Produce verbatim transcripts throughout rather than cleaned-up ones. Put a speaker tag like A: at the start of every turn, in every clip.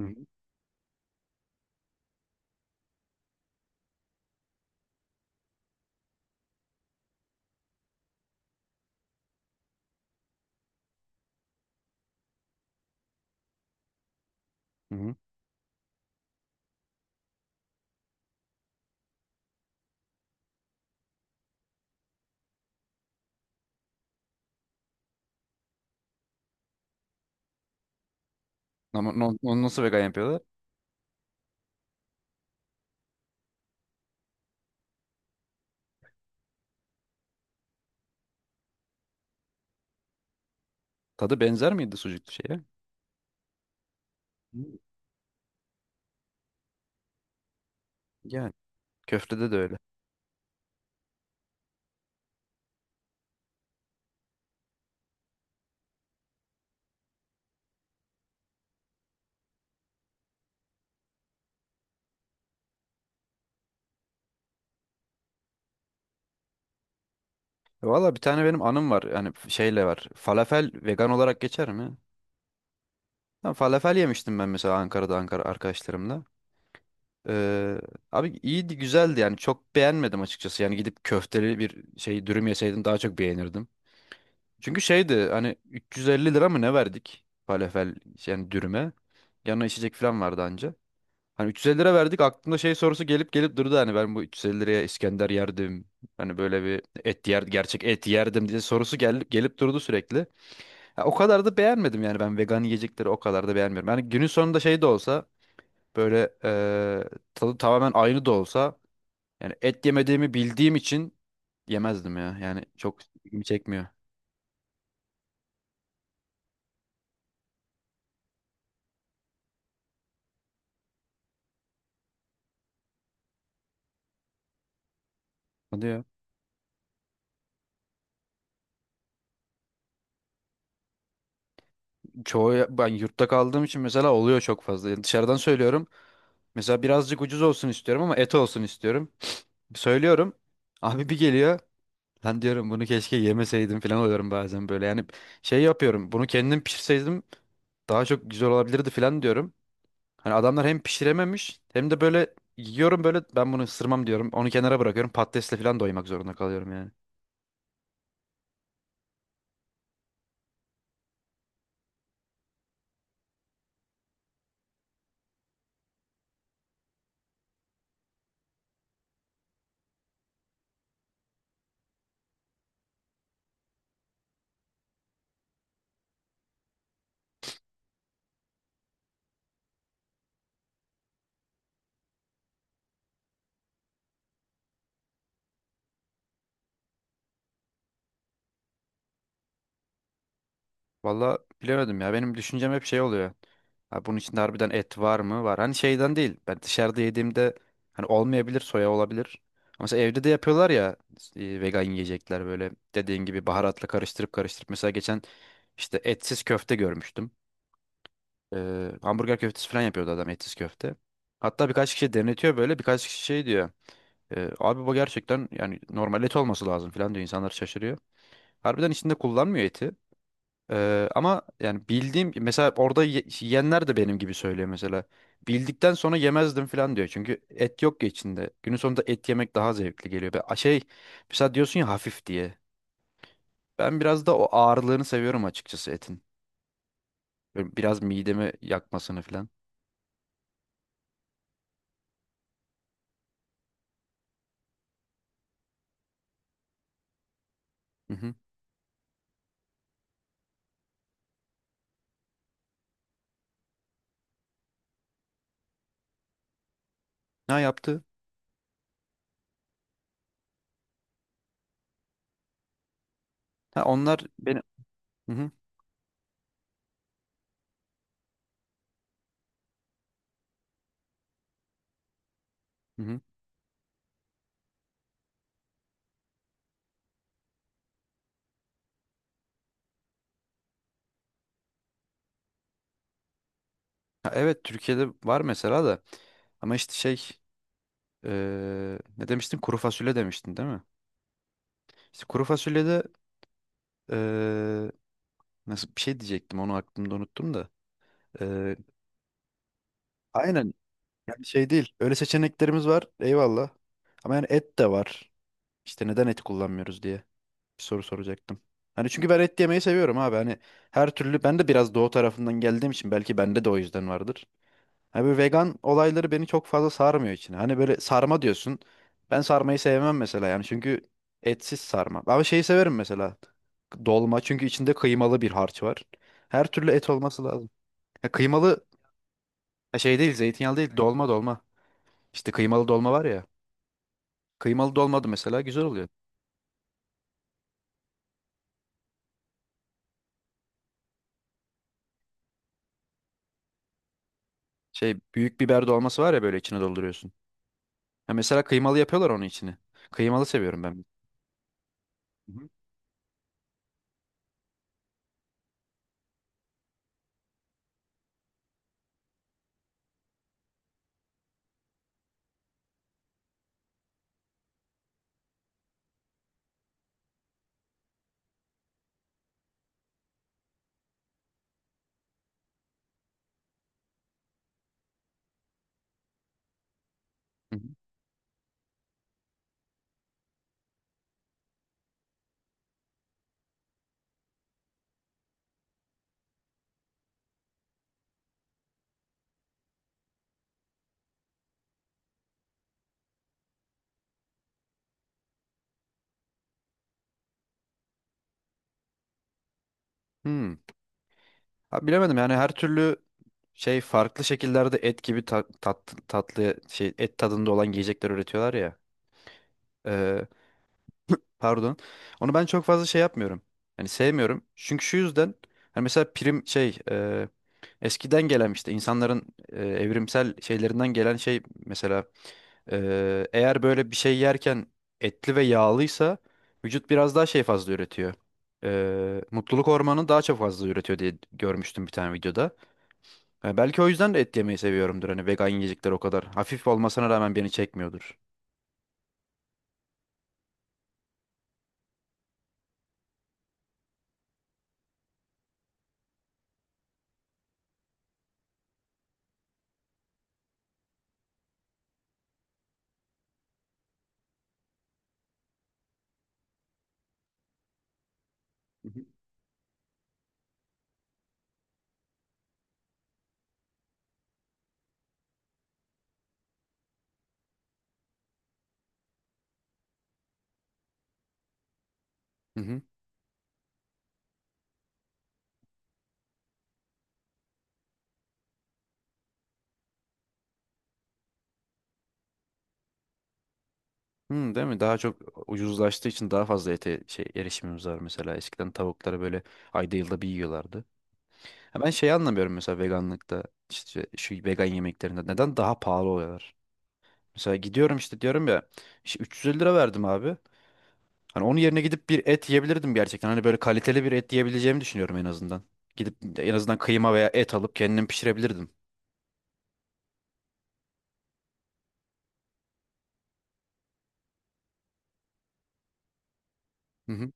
A: Hı hı. Hı hı. Ama no- onu nasıl vegan yapıyorlar? Tadı benzer miydi sucuklu şeye? Hı. Yani köftede de öyle. Valla bir tane benim anım var. Yani f- şeyle var. Falafel vegan olarak geçer mi? Ha, falafel yemiştim ben mesela Ankara'da Ankara arkadaşlarımla. Ee, Abi iyiydi güzeldi yani çok beğenmedim açıkçası. Yani gidip köfteli bir şey dürüm yeseydim daha çok beğenirdim. Çünkü şeydi hani üç yüz elli lira mı ne verdik falafel yani dürüme. Yanına içecek falan vardı anca. Hani üç yüz elli lira verdik, aklımda şey sorusu gelip gelip durdu, hani ben bu üç yüz elli liraya İskender yerdim. Hani böyle bir et yer, gerçek et yerdim diye sorusu gelip gelip durdu sürekli. Ha, o kadar da beğenmedim yani, ben vegan yiyecekleri o kadar da beğenmiyorum. Yani günün sonunda şey de olsa böyle eee, tadı tamamen aynı da olsa, yani et yemediğimi bildiğim için yemezdim ya. Yani çok ilgimi çekmiyor. Hadi ya. Çoğu ben yurtta kaldığım için mesela oluyor çok fazla. Yani dışarıdan söylüyorum. Mesela birazcık ucuz olsun istiyorum ama et olsun istiyorum. Söylüyorum. Abi bir geliyor. Lan diyorum bunu keşke yemeseydim falan oluyorum bazen böyle. Yani şey yapıyorum. Bunu kendim pişirseydim daha çok güzel olabilirdi falan diyorum. Hani adamlar hem pişirememiş hem de böyle yiyorum, böyle ben bunu ısırmam diyorum. Onu kenara bırakıyorum. Patatesle falan doymak zorunda kalıyorum yani. Valla bilemedim ya. Benim düşüncem hep şey oluyor. Ha, bunun içinde harbiden et var mı? Var. Hani şeyden değil. Ben dışarıda yediğimde hani olmayabilir, soya olabilir. Ama mesela evde de yapıyorlar ya, e, vegan yiyecekler böyle dediğin gibi baharatla karıştırıp karıştırıp. Mesela geçen işte etsiz köfte görmüştüm. Ee, hamburger köftesi falan yapıyordu adam, etsiz köfte. Hatta birkaç kişi denetiyor böyle. Birkaç kişi şey diyor. "E, abi bu gerçekten yani normal et olması lazım" falan diyor. İnsanlar şaşırıyor. Harbiden içinde kullanmıyor eti. Ee, ama yani bildiğim mesela orada ye- yiyenler de benim gibi söylüyor mesela. Bildikten sonra yemezdim falan diyor. Çünkü et yok ya içinde. Günün sonunda et yemek daha zevkli geliyor. Be, a- şey mesela diyorsun ya hafif diye. Ben biraz da o ağırlığını seviyorum açıkçası etin. Böyle biraz midemi yakmasını falan. Hı hı. Ne yaptı? Ha onlar beni, hı hı, hı hı. Ha, evet, Türkiye'de var mesela da. Ama işte şey eee, ne demiştin? Kuru fasulye demiştin değil mi? İşte kuru fasulyede, nasıl bir şey diyecektim onu aklımda unuttum da. Ee, aynen, yani şey değil. Öyle seçeneklerimiz var. Eyvallah. Ama yani et de var. İşte neden et kullanmıyoruz diye bir soru soracaktım. Hani çünkü ben et yemeyi seviyorum abi. Hani her türlü, ben de biraz doğu tarafından geldiğim için belki bende de o yüzden vardır. Hani böyle vegan olayları beni çok fazla sarmıyor içine. Hani böyle sarma diyorsun. Ben sarmayı sevmem mesela, yani çünkü etsiz sarma. Ama şeyi severim mesela. Dolma, çünkü içinde kıymalı bir harç var. Her türlü et olması lazım. Ya kıymalı, ha, şey değil, zeytinyağlı değil, dolma dolma. İşte kıymalı dolma var ya. Kıymalı dolma da mesela güzel oluyor. Şey büyük biber dolması var ya, böyle içine dolduruyorsun. Ha, mesela kıymalı yapıyorlar onun içini. Kıymalı seviyorum ben. Hı hı. Hı hı. Hmm. Ha, bilemedim yani her türlü şey farklı şekillerde et gibi ta- tat, tatlı şey et tadında olan yiyecekler üretiyorlar ya. Ee, Pardon. Onu ben çok fazla şey yapmıyorum. Hani sevmiyorum. Çünkü şu yüzden, hani mesela prim şey e, eskiden gelen işte insanların, e, evrimsel şeylerinden gelen şey mesela, e, eğer böyle bir şey yerken etli ve yağlıysa vücut biraz daha şey fazla üretiyor. E, mutluluk hormonu daha çok fazla üretiyor diye görmüştüm bir tane videoda. Ha, belki o yüzden de et yemeyi seviyorumdur. Hani vegan yiyecekler o kadar hafif olmasına rağmen beni çekmiyordur. Hı hı. Hı, değil mi? Daha çok ucuzlaştığı için daha fazla ete şey erişimimiz var mesela. Eskiden tavukları böyle ayda yılda bir yiyorlardı. Ya ben şeyi anlamıyorum mesela, veganlıkta işte şu vegan yemeklerinde neden daha pahalı oluyorlar? Mesela gidiyorum işte diyorum ya, işte üç yüz elli lira verdim abi. Hani onun yerine gidip bir et yiyebilirdim gerçekten. Hani böyle kaliteli bir et yiyebileceğimi düşünüyorum en azından. Gidip en azından kıyma veya et alıp kendim pişirebilirdim. Hı hı.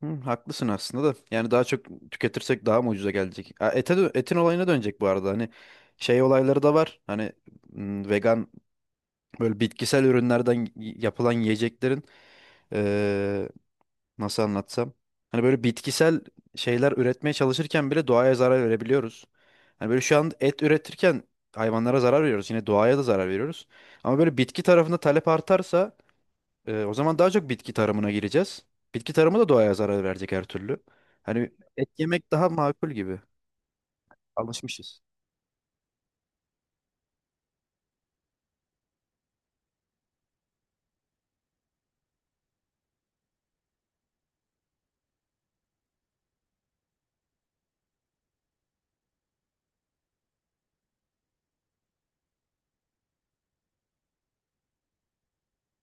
A: Hı, haklısın aslında da. Yani daha çok tüketirsek daha mı ucuza gelecek? Ha, ete dö- etin olayına dönecek bu arada. Hani şey olayları da var. Hani m, vegan, böyle bitkisel ürünlerden y- yapılan yiyeceklerin, nasıl anlatsam? Hani böyle bitkisel şeyler üretmeye çalışırken bile doğaya zarar verebiliyoruz. Hani böyle şu an et üretirken hayvanlara zarar veriyoruz. Yine doğaya da zarar veriyoruz. Ama böyle bitki tarafında talep artarsa, e, o zaman daha çok bitki tarımına gireceğiz. Bitki tarımı da doğaya zarar verecek her türlü. Hani et yemek daha makul gibi. Alışmışız.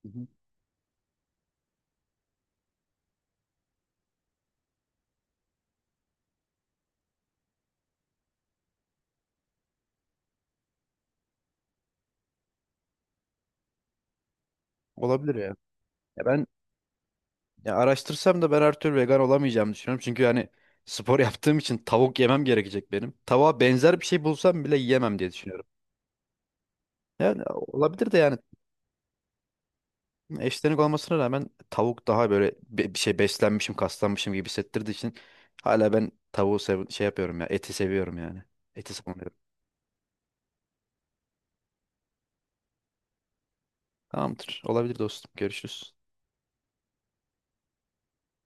A: Hı hı. Olabilir ya. Ya ben, ya araştırsam da ben her türlü vegan olamayacağımı düşünüyorum. Çünkü hani spor yaptığım için tavuk yemem gerekecek benim. Tavuğa benzer bir şey bulsam bile yiyemem diye düşünüyorum. Yani olabilir de, yani eşlenik olmasına rağmen tavuk daha böyle be- bir şey, beslenmişim, kaslanmışım gibi hissettirdiği için hala ben tavuğu sev şey yapıyorum ya, eti seviyorum yani. Eti savunuyorum. Tamamdır. Olabilir dostum. Görüşürüz.